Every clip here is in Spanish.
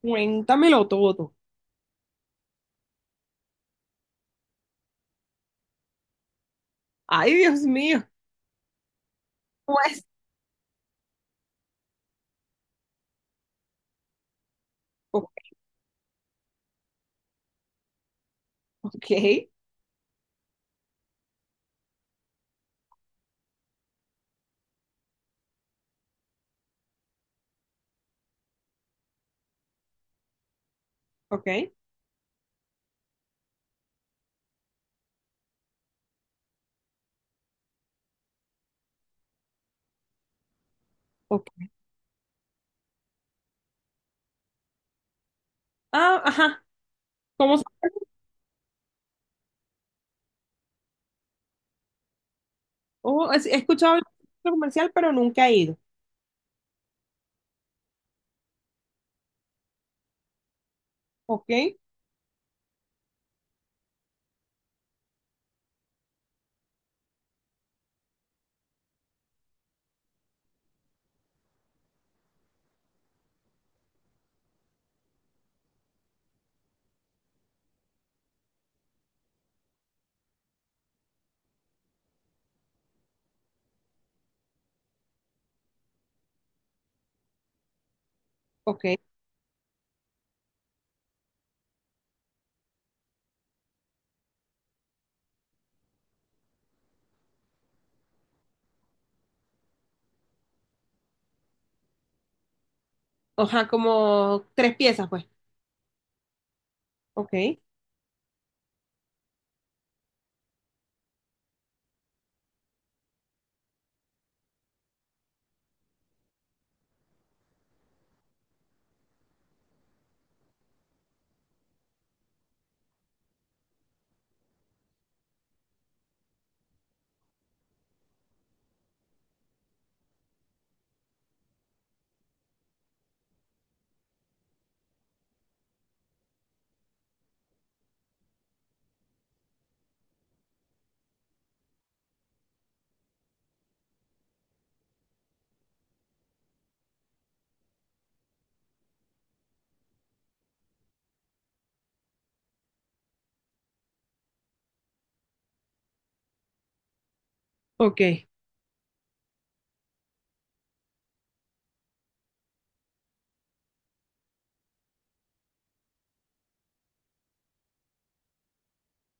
Cuéntamelo todo. Ay, Dios mío. Pues, o- ok, ok, ok. Ah, ajá. ¿Cómo se- oh, es- he escuchado el centro comercial, pero nunca he ido. Ok, ok. Ajá, como tres piezas, pues. Ok, ok.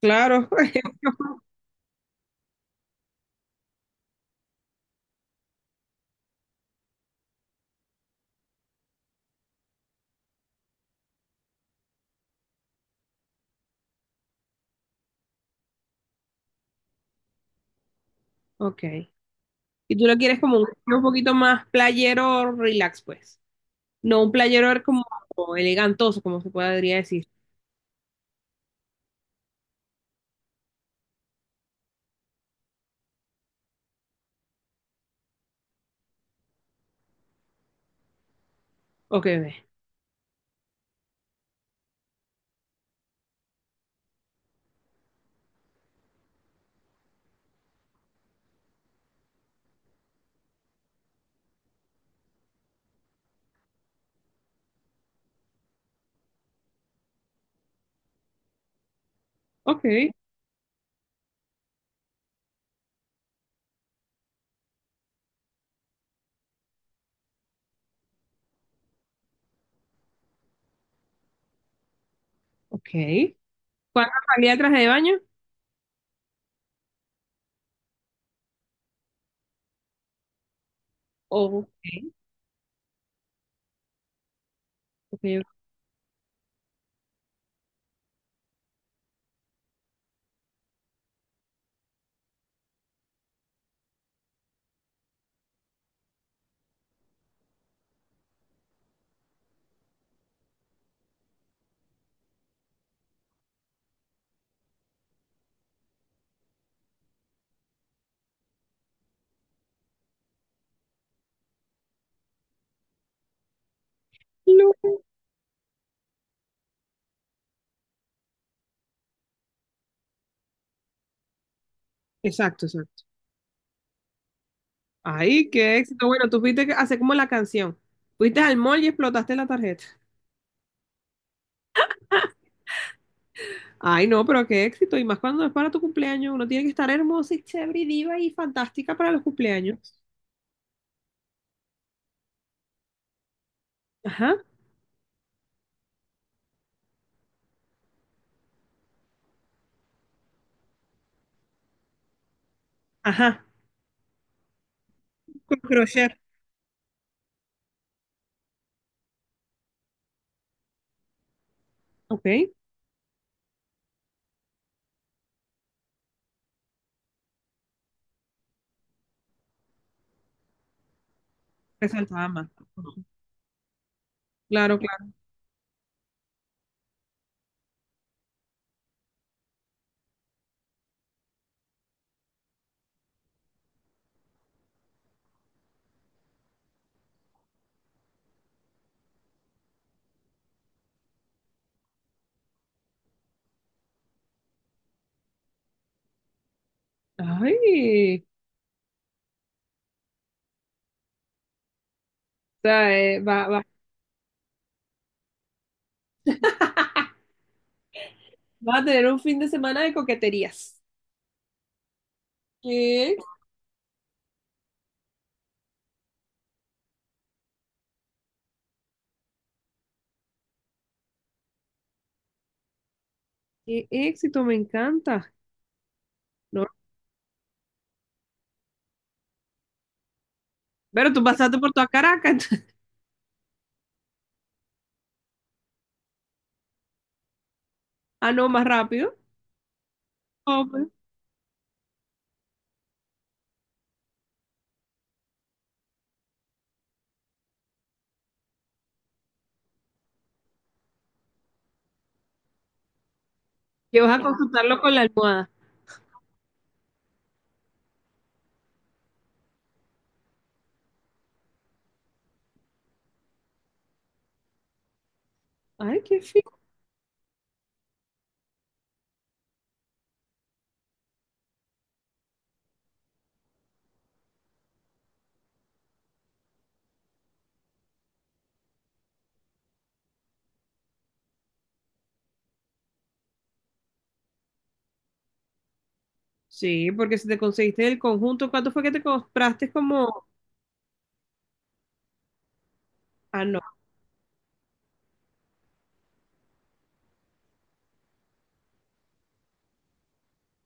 Claro. Ok. Y tú lo quieres como un poquito más playero, relax, pues. No un playero como elegantoso, como se podría decir. Ok, ve. Ok, ok. ¿Cuántas salidas traje de baño? Ok, ok, ok. No. Exacto, exacto. Ay, qué éxito. Bueno, tú fuiste a hacer como la canción. Fuiste al mall y explotaste la tarjeta. Ay, no, pero qué éxito. Y más cuando es para tu cumpleaños. Uno tiene que estar hermosa y chévere y diva y fantástica para los cumpleaños. Ajá, ajá. Con crochet. Ok, resaltaba más. Claro, claro. Ay, o sea, va a tener un fin de semana de coqueterías. ¿Qué? Qué éxito, me encanta. No, pero tú pasaste por toda Caracas. Ah, no, más rápido. Que vas a consultarlo con la almohada. Ay, qué fino. Sí, porque si te conseguiste el conjunto, ¿cuánto fue que te compraste como? Ah, no,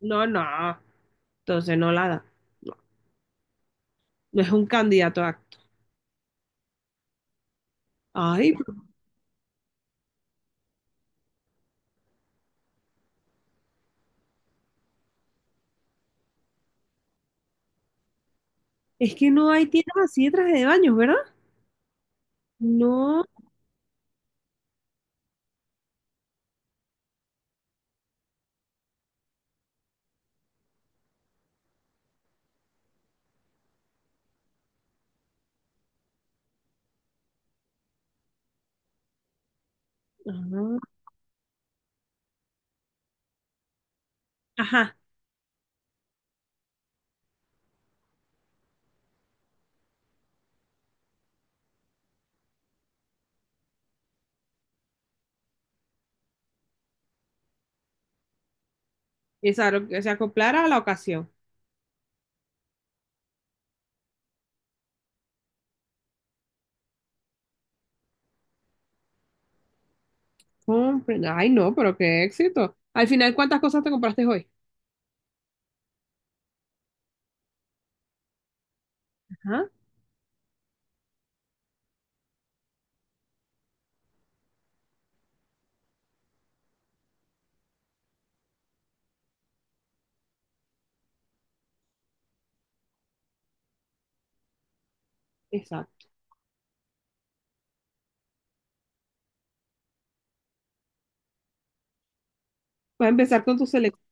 no, no. Entonces no la da. No, no es un candidato a acto. Ay, es que no hay tiendas así de traje de baños, ¿verdad? No. Ah, Ajá. Exacto, que se acoplara a la ocasión. Compre- Ay, no, pero qué éxito. Al final, ¿cuántas cosas te compraste hoy? Ajá, exacto. Vas a empezar con tu selección,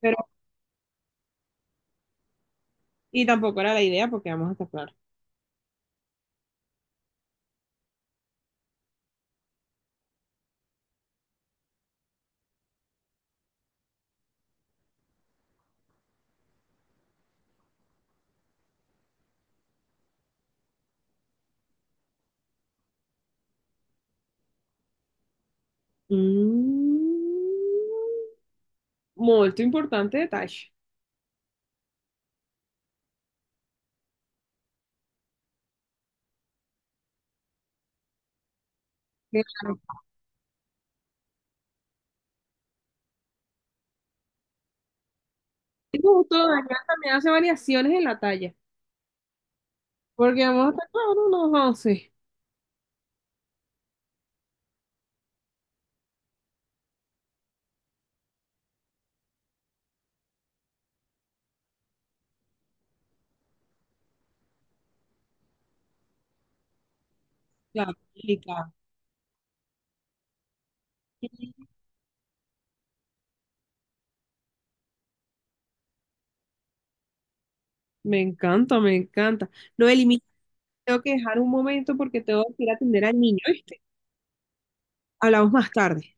pero, y tampoco era la idea porque vamos a estar claros. Mm, molto importante detalle. Grande. E Giusto, Daniel también hace variaciones en la talla, porque vamos a estar claro, no 11. Claro, delicado. Me encanta, me encanta. Noeli, mira, tengo que dejar un momento porque tengo que ir a atender al niño, ¿viste? Hablamos más tarde.